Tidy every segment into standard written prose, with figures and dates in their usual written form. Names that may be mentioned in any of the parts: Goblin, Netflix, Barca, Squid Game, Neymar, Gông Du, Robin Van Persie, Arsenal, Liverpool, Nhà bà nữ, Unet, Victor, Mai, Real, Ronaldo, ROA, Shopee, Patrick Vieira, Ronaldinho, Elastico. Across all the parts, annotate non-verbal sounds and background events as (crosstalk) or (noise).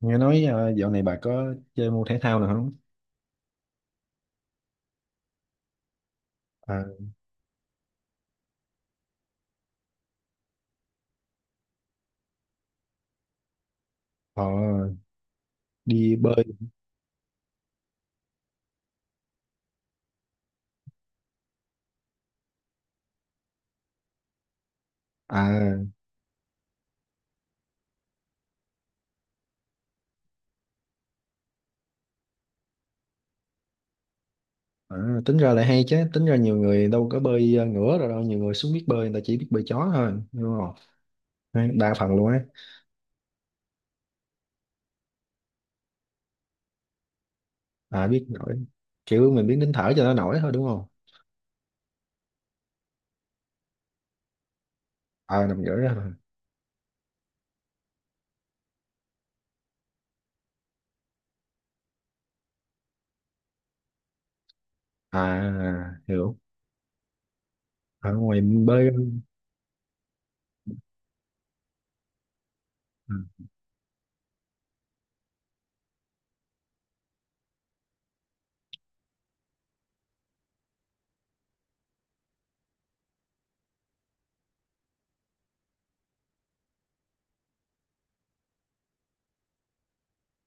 Nghe nói dạo này bà có chơi môn thể thao nào không? À, họ. Đi bơi. À, à, tính ra lại hay chứ, tính ra nhiều người đâu có bơi ngửa rồi, đâu nhiều người xuống biết bơi, người ta chỉ biết bơi chó thôi, đúng không? Đấy, đa phần luôn á. À, biết nổi. Kiểu mình biết nín thở cho nó nổi thôi, đúng không? À, nằm ngửa ra thôi. À, hiểu. Ở ngoài bơi.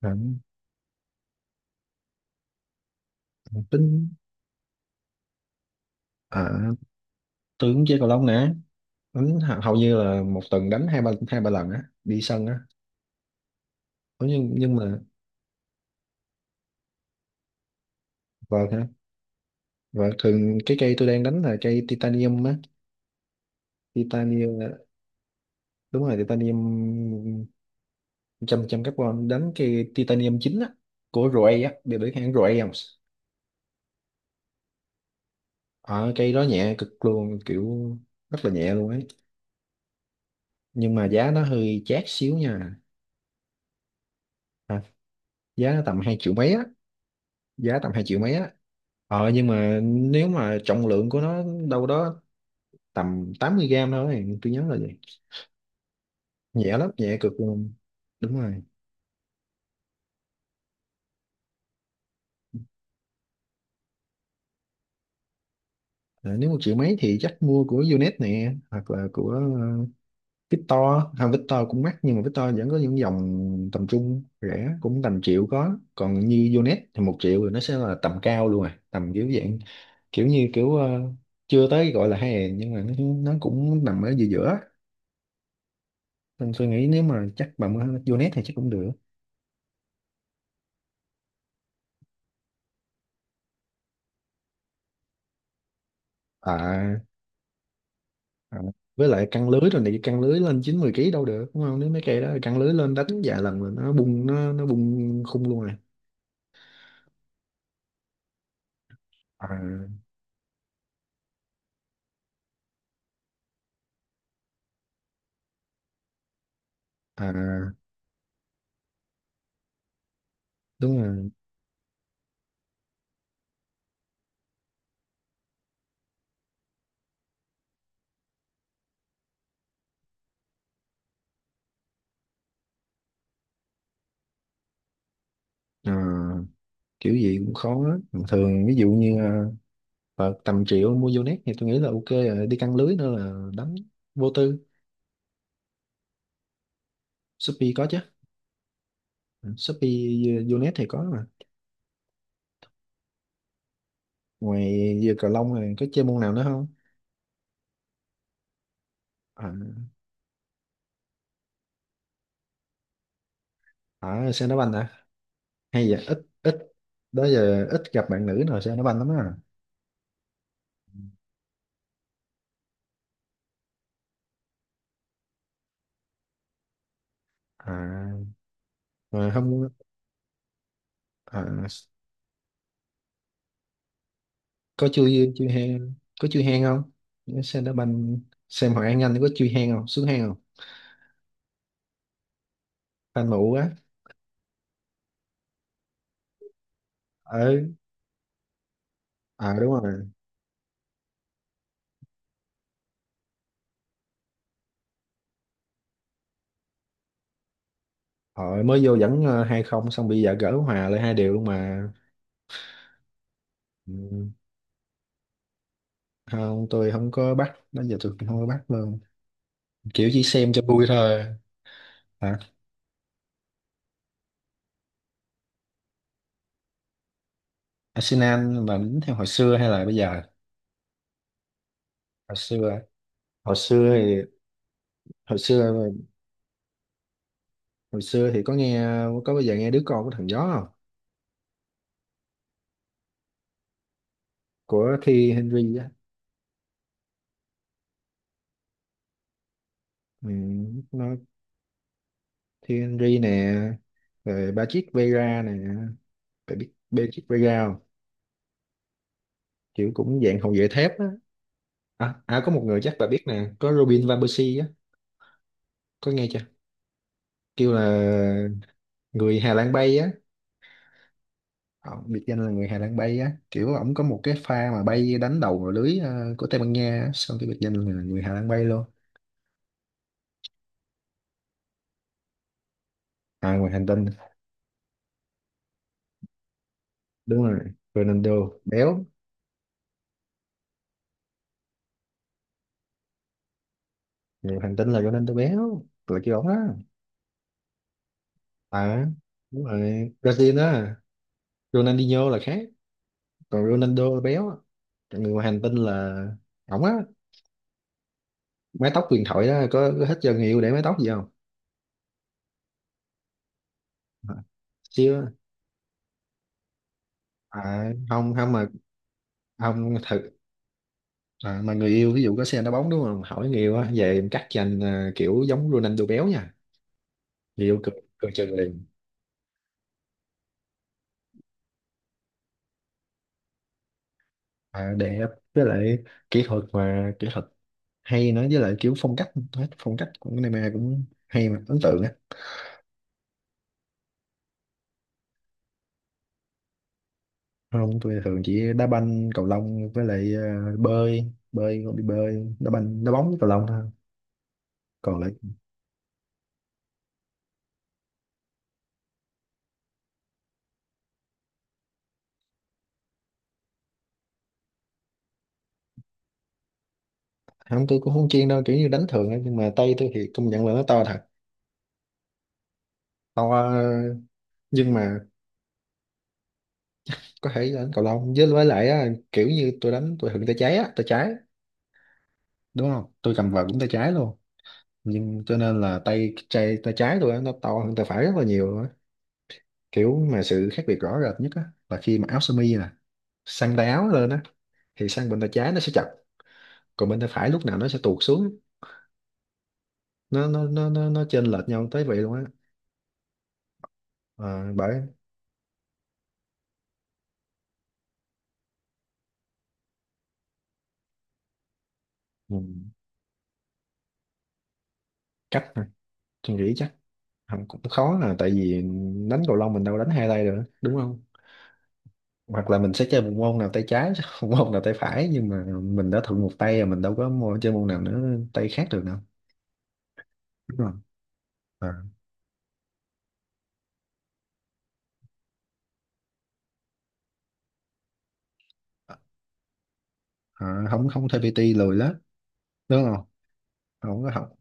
À, à, tính. À, tôi cũng chơi cầu lông nè, đánh hầu như là một tuần đánh hai ba lần á, đi sân á. Ủa, nhưng mà vâng. Và thường cái cây tôi đang đánh là cây titanium á. Titanium. À, đúng rồi, titanium. Trăm trăm carbon, đánh cây titanium chính á của ROA á. Đều biết hãng ROA không? Ờ, cây đó nhẹ cực luôn, kiểu rất là nhẹ luôn ấy, nhưng mà giá nó hơi chát xíu nha. À, giá nó tầm 2 triệu mấy á. Giá tầm 2 triệu mấy á. Nhưng mà nếu mà trọng lượng của nó đâu đó tầm 80 gram thôi, tôi nhớ là vậy. Nhẹ lắm, nhẹ cực luôn. Đúng rồi. Ờ, nếu 1 triệu mấy thì chắc mua của Unet nè, hoặc là của Victor. À, Victor cũng mắc nhưng mà Victor vẫn có những dòng tầm trung, rẻ cũng tầm triệu có, còn như Unet thì 1 triệu rồi nó sẽ là tầm cao luôn, à tầm kiểu dạng, kiểu như kiểu chưa tới gọi là hè, nhưng mà nó cũng nằm ở giữa giữa. Nên tôi nghĩ nếu mà chắc bà mua Unet thì chắc cũng được. À, à, với lại căng lưới rồi này, căng lưới lên chín mười ký đâu được, đúng không? Nếu mấy cây đó căng lưới lên đánh vài lần là nó bung khung luôn à. À, à, đúng rồi. Ờ, kiểu gì cũng khó á. Thường ví dụ như Phật tầm triệu mua vô net thì tôi nghĩ là ok rồi, đi căng lưới nữa là đánh vô tư. Shopee có chứ. Ừ, Shopee, vô net thì có mà. Ngoài giờ cầu lông này có chơi môn nào nữa không? À, à, xe đá banh à? Hay giờ ít ít, đó giờ ít gặp bạn nữ nào xe đá banh lắm á. À, mà không. À, có chui chui hang, có chui hang không? Xe đá banh, xem Hoàng An Anh có chui hang không, xuống hang không? Fan mụ quá. Ừ. À đúng rồi, họ mới vô dẫn 2-0, xong bây giờ gỡ hòa lại hai điều luôn mà. Ừ. Không, tôi không có bắt, đó giờ tôi cũng không có bắt luôn, kiểu chỉ xem cho vui thôi. Hả? Arsenal mà đánh theo hồi xưa hay là bây giờ? Hồi xưa. Hồi xưa thì, hồi xưa. Hồi xưa thì có nghe. Có, bây giờ nghe đứa con của thằng gió không? Của Thi Henry á. Ừ, nó. Thi Henry nè, rồi Patrick Vieira nè, phải biết Patrick Vieira không? Kiểu cũng dạng hậu vệ thép á. À, à có một người chắc bà biết nè, có Robin Van Persie á, có nghe chưa? Kêu là người Hà Lan bay á. Ờ, biệt danh là người Hà Lan bay á, kiểu ổng có một cái pha mà bay đánh đầu vào lưới của Tây Ban Nha á, xong cái biệt danh là người Hà Lan bay luôn. À, ngoài hành tinh, đúng rồi, Ronaldo béo. Người hành tinh là Ronaldo béo, là kêu ổng đó. À đúng rồi, Brazil đó, Ronaldinho là khác, còn Ronaldo là béo á. Còn người ngoài hành tinh là ổng á, mái tóc huyền thoại đó, có thích cho người yêu để mái tóc gì không? Chứ à, không không mà. Không thật. À, mà người yêu ví dụ có xe đá bóng đúng không, hỏi người yêu á về em cắt dành à, kiểu giống Ronaldo béo nha, người yêu cười cười chừng liền. À, đẹp, với lại kỹ thuật mà, kỹ thuật hay nữa, với lại kiểu phong cách, hết phong cách của Neymar cũng hay mà ấn tượng á. Không, tôi thường chỉ đá banh cầu lông với lại bơi bơi, đi bơi, đá banh, đá bóng với cầu lông thôi, còn lại không. Tôi cũng không chuyên đâu, kiểu như đánh thường á, nhưng mà tay tôi thì công nhận là nó to thật. To. Nhưng mà có thể đánh cầu lông với lại á, kiểu như tôi đánh tôi hựng tay trái á, tay trái, đúng không? Tôi cầm vợt cũng tay trái luôn. Nhưng cho nên là tay tay tay trái tôi á, nó to hơn tay phải rất là nhiều luôn á. Kiểu mà sự khác biệt rõ rệt nhất á là khi mà áo sơ mi nè, sang tay áo lên á thì sang bên tay trái nó sẽ chặt, còn bên tay phải lúc nào nó sẽ tuột xuống, nó chênh lệch nhau tới vậy luôn á. Ờ, bởi. Ừ, chắc thôi, tôi nghĩ chắc không, cũng khó là tại vì đánh cầu lông mình đâu đánh hai tay được, đúng không? Hoặc là mình sẽ chơi một môn nào tay trái (laughs) một môn nào tay phải, nhưng mà mình đã thuận một tay rồi, mình đâu có môn, chơi môn nào nữa tay khác được đâu, đúng không? À, à, không, không thuê PT lười lắm, đúng không? Không có học.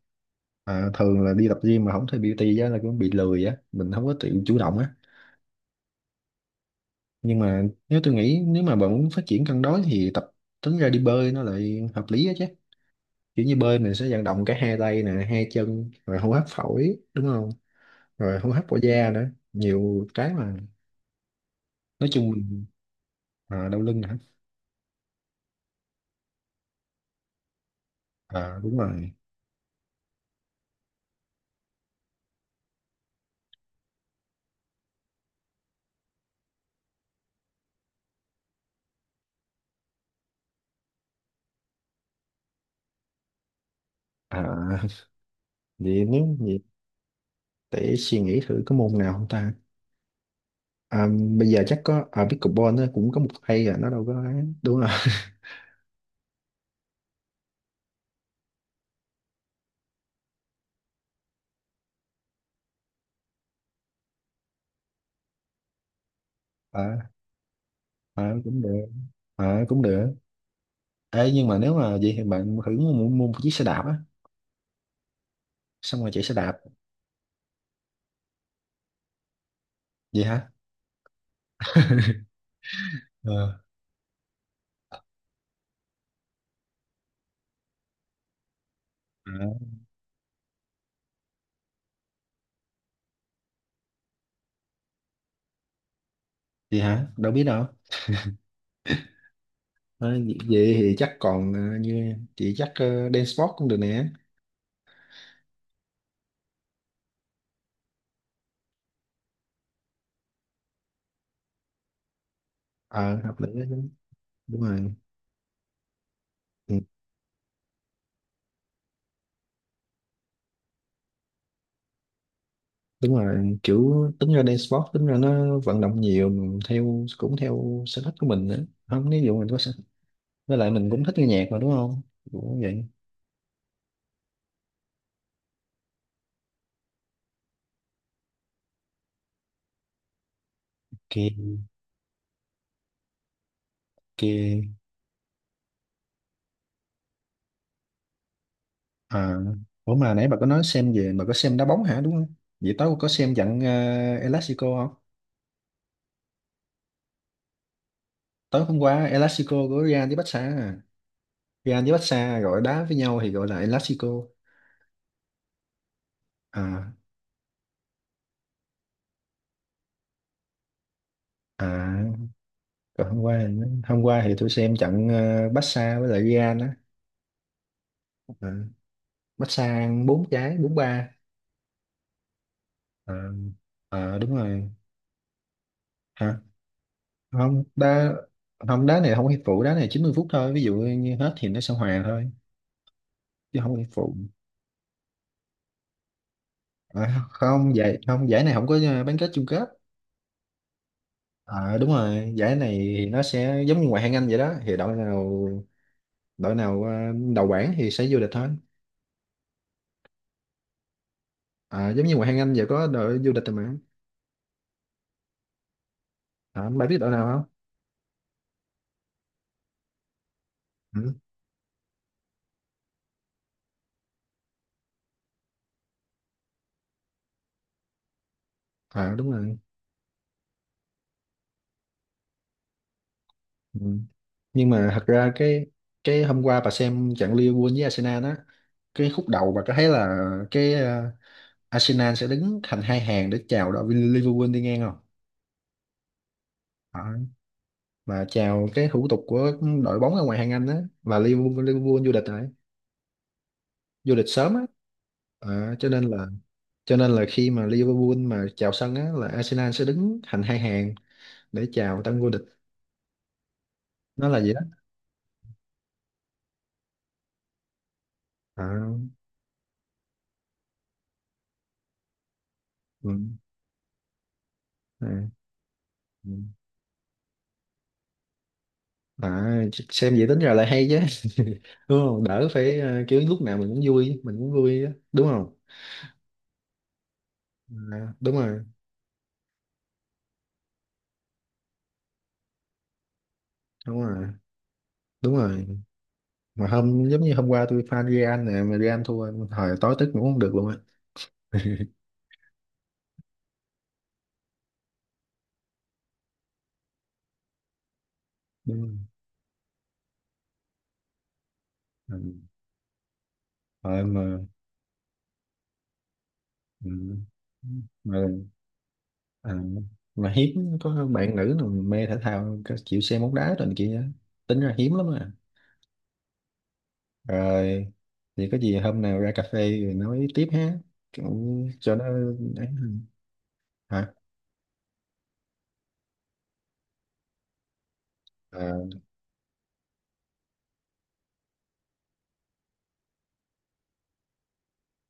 À, thường là đi tập gym mà không thuê PT á là cũng bị lười á, mình không có tự chủ động á. Nhưng mà nếu tôi nghĩ nếu mà bạn muốn phát triển cân đối thì tập, tính ra đi bơi nó lại hợp lý á chứ. Kiểu như bơi mình sẽ vận động cả hai tay nè, hai chân, rồi hô hấp phổi, đúng không? Rồi hô hấp qua da nữa, nhiều cái mà. Nói chung mình. À, đau lưng hả? À, đúng rồi. À, vậy nếu vậy để suy nghĩ thử có môn nào không ta? À, bây giờ chắc có ở pickleball nó cũng có một hay à nó đâu có ấy. Đúng không? À, à cũng được, à cũng được. Ê, nhưng mà nếu mà vậy thì bạn thử mua một chiếc xe đạp á, xong rồi chạy xe đạp. Vậy hả? Ờ. À, vậy hả, đâu biết đâu. À, vậy, vậy thì chắc còn à, như chị chắc dance sport cũng được nè. Ờ hợp lý đó chứ. Đúng rồi. Ừ. Đúng rồi, kiểu tính ra đây sport tính ra nó vận động nhiều, mình theo cũng theo sở thích của mình nữa, không ví dụ mình có sở, với lại mình cũng thích nghe nhạc mà, đúng không? Cũng vậy. Kia kia. À, ủa mà nãy bà có nói xem, về bà có xem đá bóng hả đúng không? Vậy tối có xem trận Elastico không? Tối hôm qua Elastico của Real với Barca à. Real với Barca gọi đá với nhau thì gọi là Elastico. À, à còn hôm qua, hôm qua thì tôi xem trận Barca với lại Real á. À, massage bốn trái 4-3. À, à đúng rồi. Hả? Không đá, không đá này không có hiệp phụ, đá này 90 phút thôi, ví dụ như hết thì nó sẽ hòa thôi, chứ không có hiệp phụ. À, không giải, không giải này không có bán kết chung kết. À, đúng rồi, giải này thì nó sẽ giống như ngoại hạng Anh vậy đó, thì đội nào, đội nào đầu bảng thì sẽ vô địch thôi. À, giống như ngoại hạng Anh vậy, có đội vô địch rồi mà. À, bạn biết đội nào không? Ừ. À đúng rồi. Ừ. Nhưng mà thật ra cái hôm qua bà xem trận Liverpool với Arsenal đó, cái khúc đầu bà có thấy là cái Arsenal sẽ đứng thành hai hàng để chào đội Liverpool đi ngang không? Đó. Mà chào cái thủ tục của đội bóng ở ngoài hàng Anh á, và Liverpool, Liverpool vô địch rồi, vô địch sớm á. Ờ, cho nên là, cho nên là khi mà Liverpool mà chào sân á là Arsenal sẽ đứng thành hai hàng để chào tân vô địch. Nó là gì đó. Ờ, ừ, à, ừ. À xem vậy tính ra lại hay chứ (laughs) đúng không, đỡ phải kiểu lúc nào mình cũng vui, mình cũng vui á, đúng không? À, đúng rồi. Đúng rồi. Đúng rồi. Mà hôm, giống như hôm qua tôi fan Real nè, mà Real thua, thời tối tức ngủ không được luôn á. Đúng rồi. Ừ, ờ, mà. Ừ. Mà à, mà hiếm có bạn nữ nào mê thể thao chịu xem bóng đá rồi này kia á. Tính ra hiếm lắm à. Rồi thì có gì hôm nào ra cà phê rồi nói tiếp ha, cũng cho nó. Ấy. Hả? À,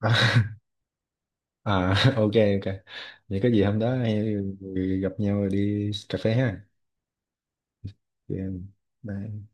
(laughs) à (laughs) ok ok, vậy có gì hôm đó hay gặp nhau rồi đi cà phê ha. Chị bye.